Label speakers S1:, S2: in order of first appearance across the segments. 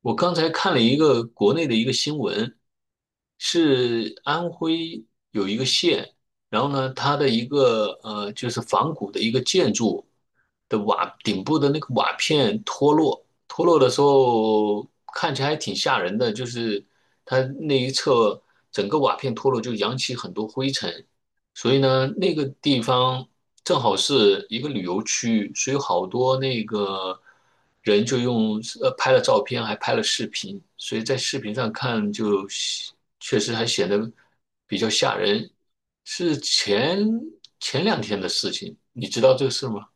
S1: 我刚才看了一个国内的一个新闻，是安徽有一个县，然后呢，它的一个就是仿古的一个建筑的瓦顶部的那个瓦片脱落，脱落的时候看起来还挺吓人的，就是它那一侧整个瓦片脱落，就扬起很多灰尘，所以呢，那个地方正好是一个旅游区，所以好多那个人就用拍了照片，还拍了视频，所以在视频上看就确实还显得比较吓人。是前两天的事情，你知道这个事吗？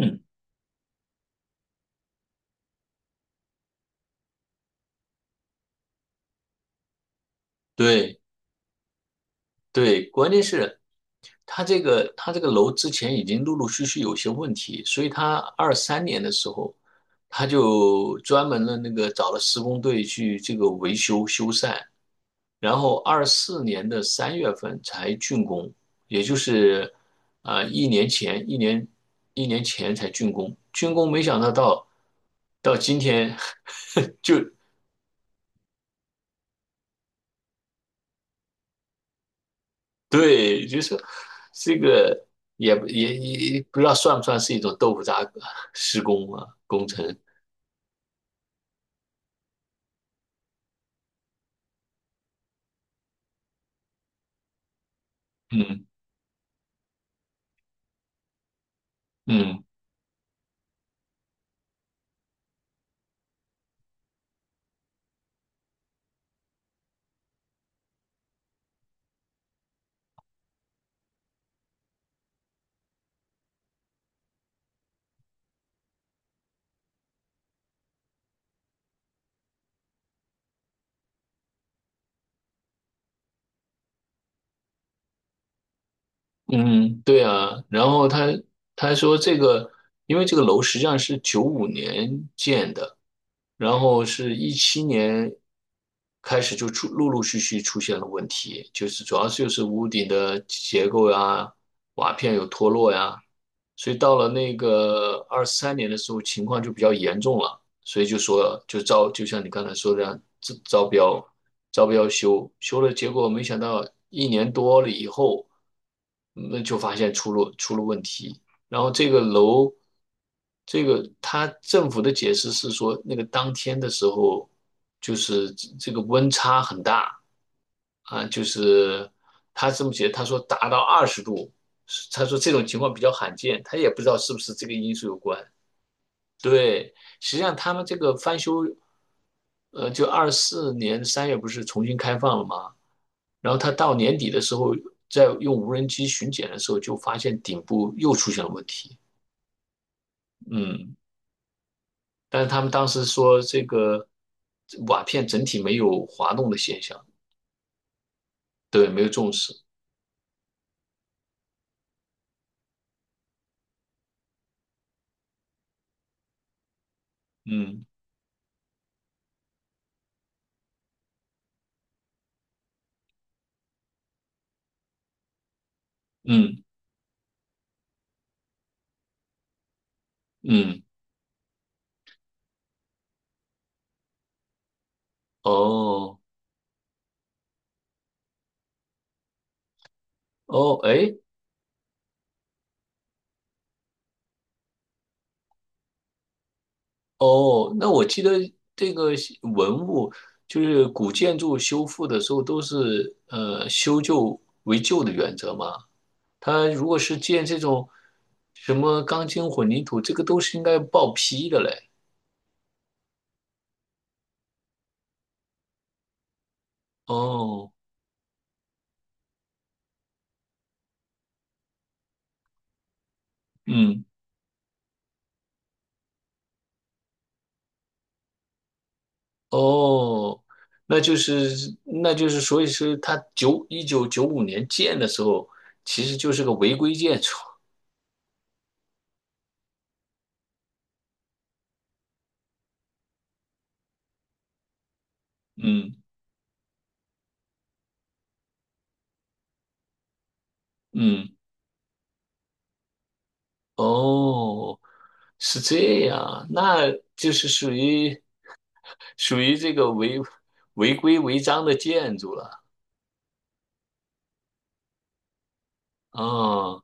S1: 嗯，对，对，关键是他这个楼之前已经陆陆续续有些问题，所以他二三年的时候，他就专门的那个找了施工队去这个维修修缮，然后二四年的3月份才竣工，也就是啊、呃一年前一年一年前才竣工，竣工没想到到今天 就 对，就是这个也不知道算不算是一种豆腐渣施工啊工程，嗯嗯。嗯，对啊，然后他说这个，因为这个楼实际上是九五年建的，然后是17年开始就陆陆续续出现了问题，就是主要就是屋顶的结构呀、瓦片有脱落呀，所以到了那个二三年的时候情况就比较严重了，所以就说就像你刚才说的这样，招标。要不要修？修了，结果没想到一年多了以后，嗯那就发现出了问题。然后这个楼，这个他政府的解释是说，那个当天的时候，就是这个温差很大啊，就是他这么解，他说达到20度，他说这种情况比较罕见，他也不知道是不是这个因素有关。对，实际上他们这个翻修。就24年3月不是重新开放了吗？然后他到年底的时候，在用无人机巡检的时候，就发现顶部又出现了问题。嗯，但是他们当时说这个瓦片整体没有滑动的现象，对，没有重视。嗯嗯嗯，哦哦，哎哦，那我记得这个文物就是古建筑修复的时候都是修旧为旧的原则吗？他如果是建这种什么钢筋混凝土，这个都是应该报批的嘞。哦，嗯，哦，那就是，所以说他九九五年建的时候，其实就是个违规建筑。嗯嗯，哦，是这样啊，那就是属于这个违规违章的建筑了。啊。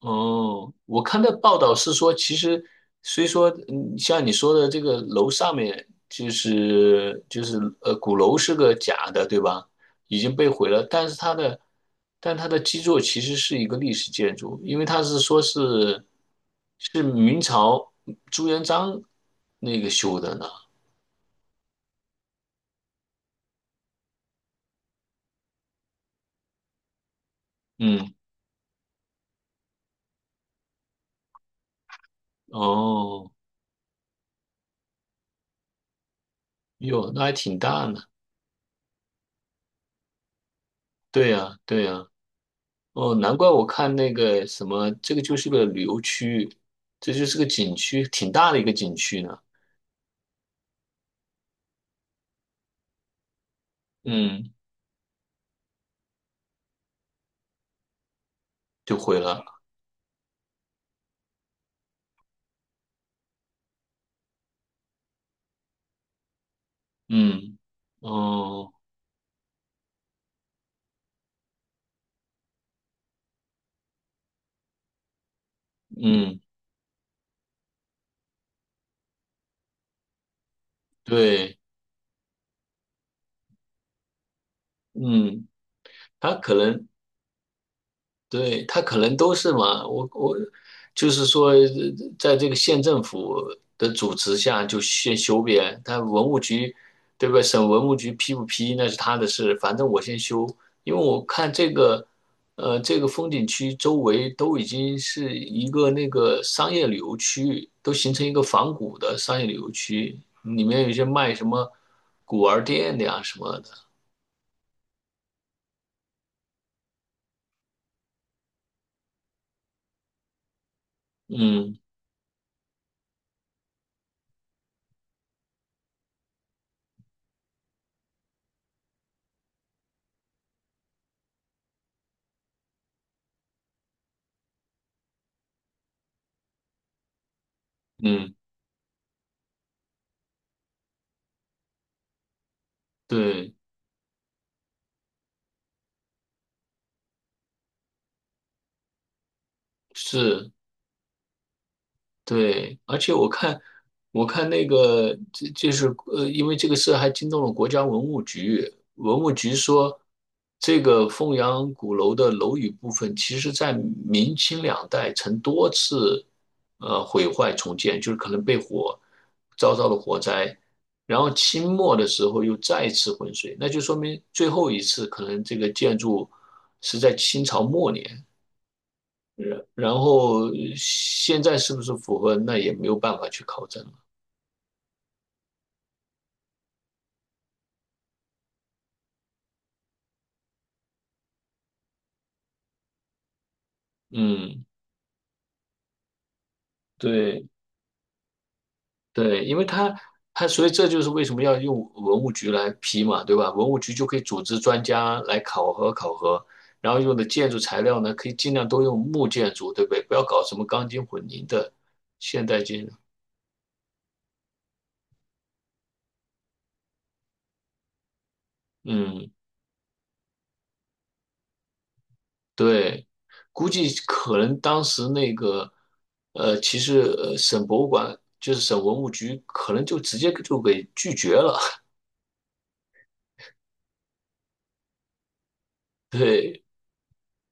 S1: 哦，我看的报道是说，其实虽说，嗯，像你说的这个楼上面鼓楼是个假的，对吧？已经被毁了，但是但它的基座其实是一个历史建筑，因为它是说是明朝朱元璋那个修的呢。嗯，哦，哟，那还挺大呢。对呀，对呀。哦，难怪我看那个什么，这个就是个旅游区域，这就是个景区，挺大的一个景区呢。嗯，就毁了。嗯，哦，嗯，对，嗯，它可能对，他可能都是嘛，我就是说，在这个县政府的主持下就先修边，他文物局对吧？省文物局批不批那是他的事，反正我先修，因为我看这个，这个风景区周围都已经是一个那个商业旅游区域都形成一个仿古的商业旅游区，里面有一些卖什么古玩店的呀什么的，嗯嗯，对，是。对，而且我看，我看那个，这就是，因为这个事还惊动了国家文物局。文物局说，这个凤阳鼓楼的楼宇部分，其实在明清两代曾多次毁坏重建，就是可能被火遭到了火灾，然后清末的时候又再次浑水，那就说明最后一次可能这个建筑是在清朝末年。然后现在是不是符合，那也没有办法去考证了。嗯，对对，因为他所以这就是为什么要用文物局来批嘛，对吧？文物局就可以组织专家来考核考核，然后用的建筑材料呢，可以尽量都用木建筑，对不对？不要搞什么钢筋混凝的现代建筑。嗯。对，估计可能当时那个，其实省博物馆就是省文物局，可能就直接就给拒绝了。对，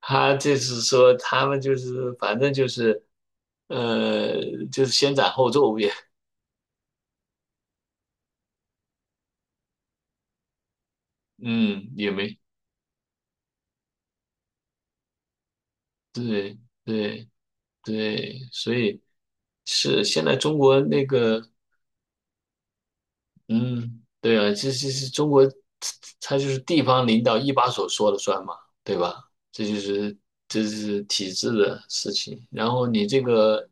S1: 他就是说他们就是反正就是，呃，就是先斩后奏也，嗯，也没对对对，所以是现在中国那个嗯，对啊，这是中国，它就是地方领导一把手说了算嘛，对吧？这是体制的事情。然后你这个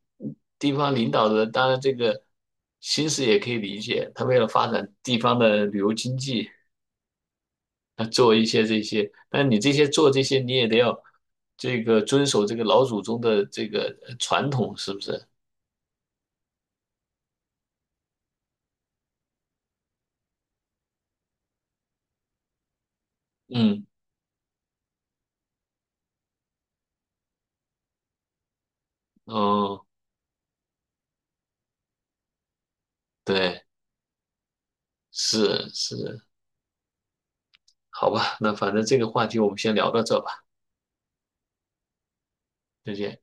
S1: 地方领导的，当然这个心思也可以理解，他为了发展地方的旅游经济，他做一些这些，但你这些做这些，你也得要这个遵守这个老祖宗的这个传统，是不是？嗯，哦，对，是是，好吧，那反正这个话题我们先聊到这吧，再见。